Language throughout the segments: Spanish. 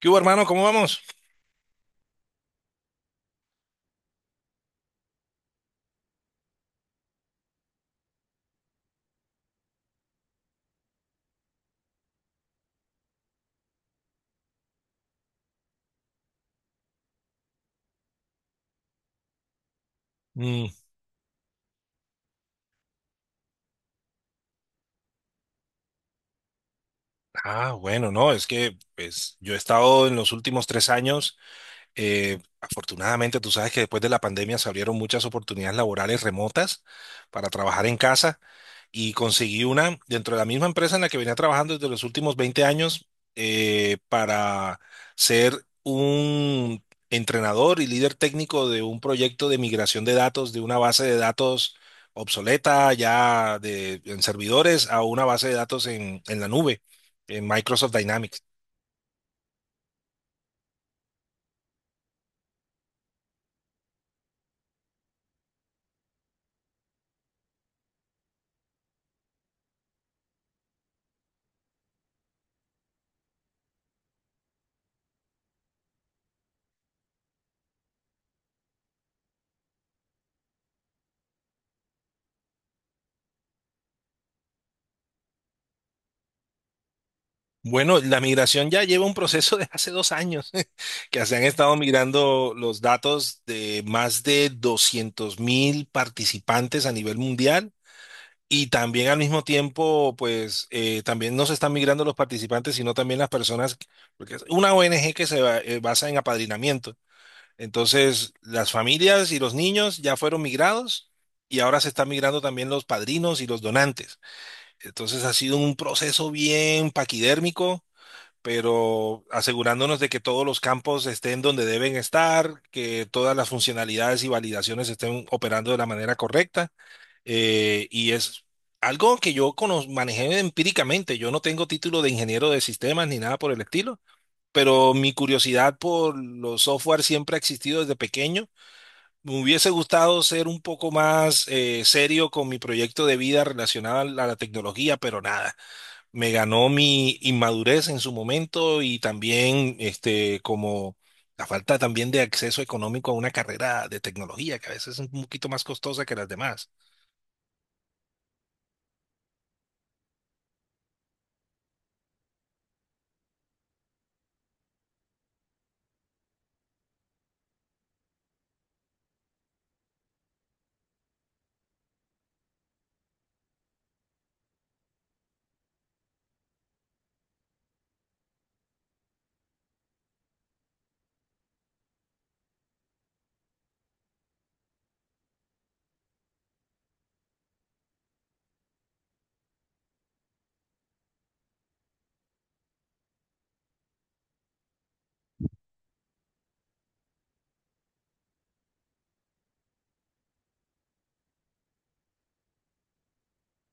¿Qué hubo, hermano? ¿Cómo vamos? Mm, ah, bueno, no, es que pues, yo he estado en los últimos 3 años, afortunadamente tú sabes que después de la pandemia se abrieron muchas oportunidades laborales remotas para trabajar en casa y conseguí una dentro de la misma empresa en la que venía trabajando desde los últimos 20 años para ser un entrenador y líder técnico de un proyecto de migración de datos de una base de datos obsoleta en servidores a una base de datos en la nube, en Microsoft Dynamics. Bueno, la migración ya lleva un proceso de hace 2 años, que se han estado migrando los datos de más de 200.000 participantes a nivel mundial. Y también al mismo tiempo, pues también no se están migrando los participantes, sino también las personas, porque es una ONG que basa en apadrinamiento. Entonces, las familias y los niños ya fueron migrados y ahora se están migrando también los padrinos y los donantes. Entonces, ha sido un proceso bien paquidérmico, pero asegurándonos de que todos los campos estén donde deben estar, que todas las funcionalidades y validaciones estén operando de la manera correcta. Y es algo que manejé empíricamente. Yo no tengo título de ingeniero de sistemas ni nada por el estilo, pero mi curiosidad por los software siempre ha existido desde pequeño. Me hubiese gustado ser un poco más serio con mi proyecto de vida relacionado a la tecnología, pero nada, me ganó mi inmadurez en su momento y también este como la falta también de acceso económico a una carrera de tecnología que a veces es un poquito más costosa que las demás.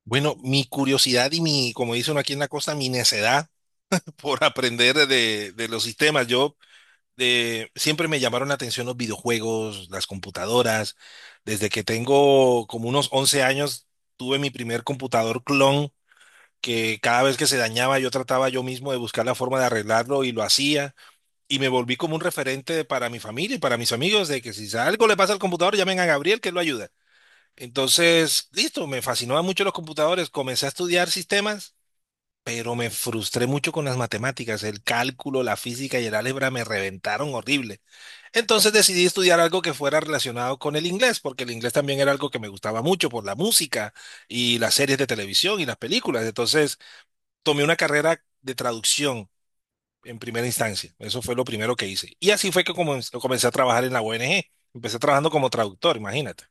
Bueno, mi curiosidad y mi, como dice uno aquí en la costa, mi necedad por aprender de los sistemas. Yo, siempre me llamaron la atención los videojuegos, las computadoras. Desde que tengo como unos 11 años, tuve mi primer computador clon que cada vez que se dañaba yo trataba yo mismo de buscar la forma de arreglarlo y lo hacía y me volví como un referente para mi familia y para mis amigos de que si algo le pasa al computador llamen a Gabriel que él lo ayuda. Entonces, listo, me fascinaban mucho los computadores, comencé a estudiar sistemas, pero me frustré mucho con las matemáticas, el cálculo, la física y el álgebra me reventaron horrible. Entonces decidí estudiar algo que fuera relacionado con el inglés, porque el inglés también era algo que me gustaba mucho por la música y las series de televisión y las películas. Entonces, tomé una carrera de traducción en primera instancia. Eso fue lo primero que hice. Y así fue que comencé a trabajar en la ONG. Empecé trabajando como traductor, imagínate.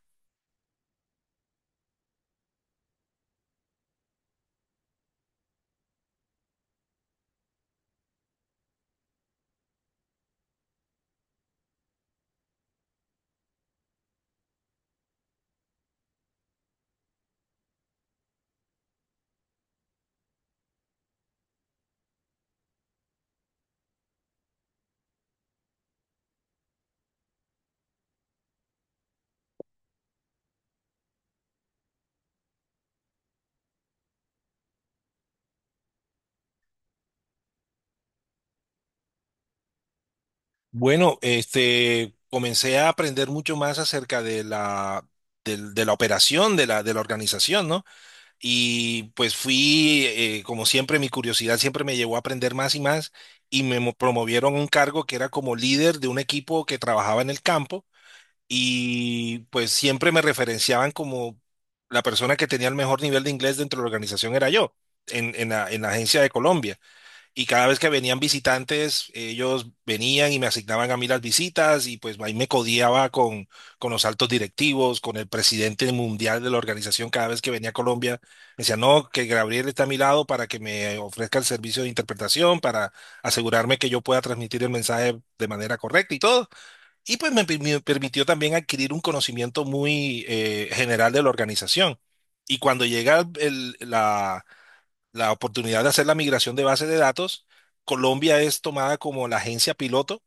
Bueno, este, comencé a aprender mucho más acerca de de la operación, de la organización, ¿no? Y pues fui, como siempre, mi curiosidad siempre me llevó a aprender más y más y promovieron a un cargo que era como líder de un equipo que trabajaba en el campo y pues siempre me referenciaban como la persona que tenía el mejor nivel de inglés dentro de la organización era yo, en la agencia de Colombia. Y cada vez que venían visitantes, ellos venían y me asignaban a mí las visitas y pues ahí me codiaba con los altos directivos, con el presidente mundial de la organización cada vez que venía a Colombia. Me decía, no, que Gabriel está a mi lado para que me ofrezca el servicio de interpretación, para asegurarme que yo pueda transmitir el mensaje de manera correcta y todo. Y pues me permitió también adquirir un conocimiento muy general de la organización. Y cuando llega la oportunidad de hacer la migración de bases de datos, Colombia es tomada como la agencia piloto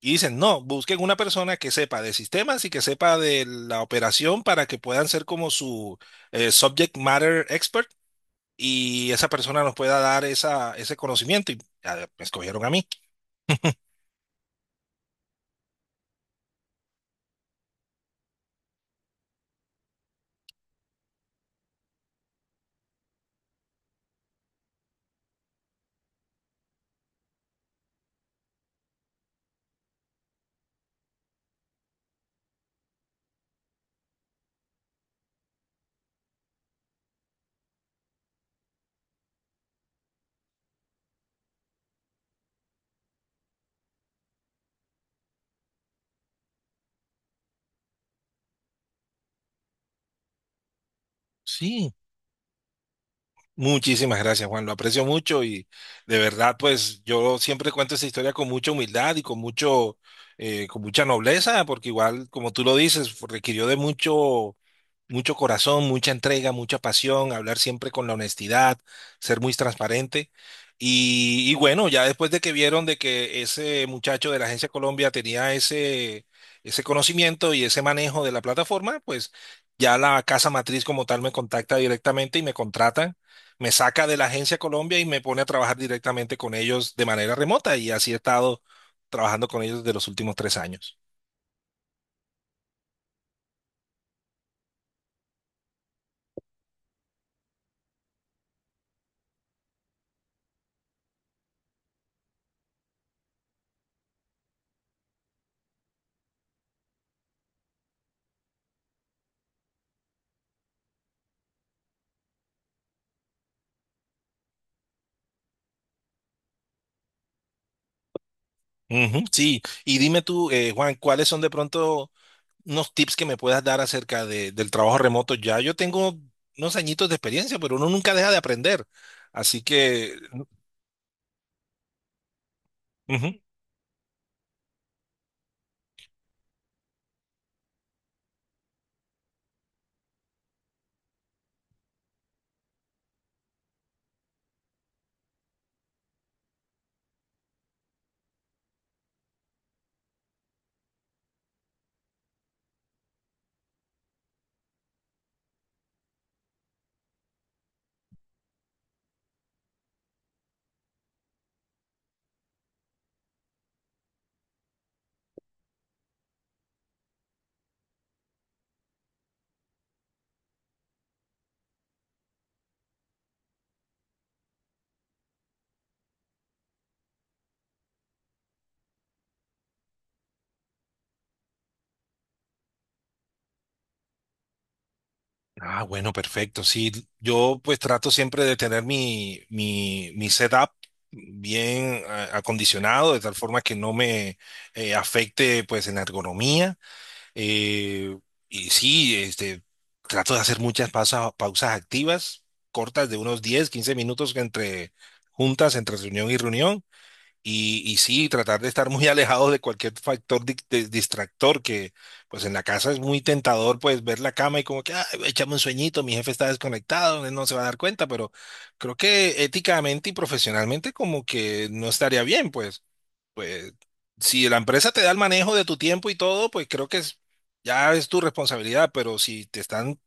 y dicen, no, busquen una persona que sepa de sistemas y que sepa de la operación para que puedan ser como su subject matter expert y esa persona nos pueda dar esa, ese conocimiento. Y ah, me escogieron a mí. Sí. Muchísimas gracias, Juan. Lo aprecio mucho y de verdad, pues yo siempre cuento esa historia con mucha humildad y con mucho, con mucha nobleza, porque igual, como tú lo dices, requirió de mucho, mucho corazón, mucha entrega, mucha pasión, hablar siempre con la honestidad, ser muy transparente. Y bueno, ya después de que vieron de que ese muchacho de la Agencia Colombia tenía ese, ese conocimiento y ese manejo de la plataforma, pues ya la casa matriz como tal me contacta directamente y me contratan, me saca de la Agencia Colombia y me pone a trabajar directamente con ellos de manera remota. Y así he estado trabajando con ellos desde los últimos tres años. Ujú, sí, y dime tú, Juan, ¿cuáles son de pronto unos tips que me puedas dar acerca del trabajo remoto? Ya yo tengo unos añitos de experiencia, pero uno nunca deja de aprender. Así que... Ujú. Ah, bueno, perfecto. Sí, yo pues trato siempre de tener mi setup bien acondicionado, de tal forma que no me afecte pues en la ergonomía. Eh, y sí, este, trato de hacer muchas pausas activas, cortas de unos 10-15 minutos entre juntas, entre reunión y reunión. Y sí, tratar de estar muy alejados de cualquier factor distractor, que pues en la casa es muy tentador, pues ver la cama y como que, ay, échame un sueñito, mi jefe está desconectado, él no se va a dar cuenta, pero creo que éticamente y profesionalmente como que no estaría bien, pues, pues si la empresa te da el manejo de tu tiempo y todo, pues creo que ya es tu responsabilidad, pero si te están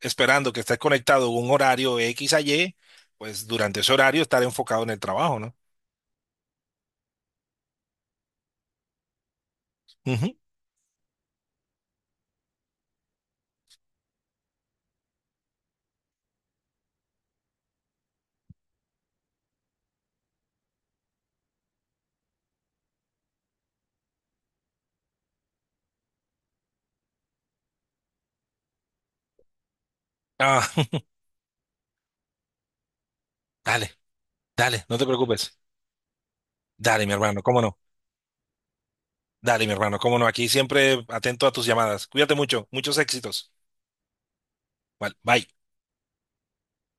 esperando que estés conectado a un horario X a Y, pues durante ese horario estar enfocado en el trabajo, ¿no? Ujú. Ah. Dale, dale, no te preocupes. Dale, mi hermano, cómo no. Dale, mi hermano, cómo no. Aquí siempre atento a tus llamadas. Cuídate mucho, muchos éxitos. Vale, bye.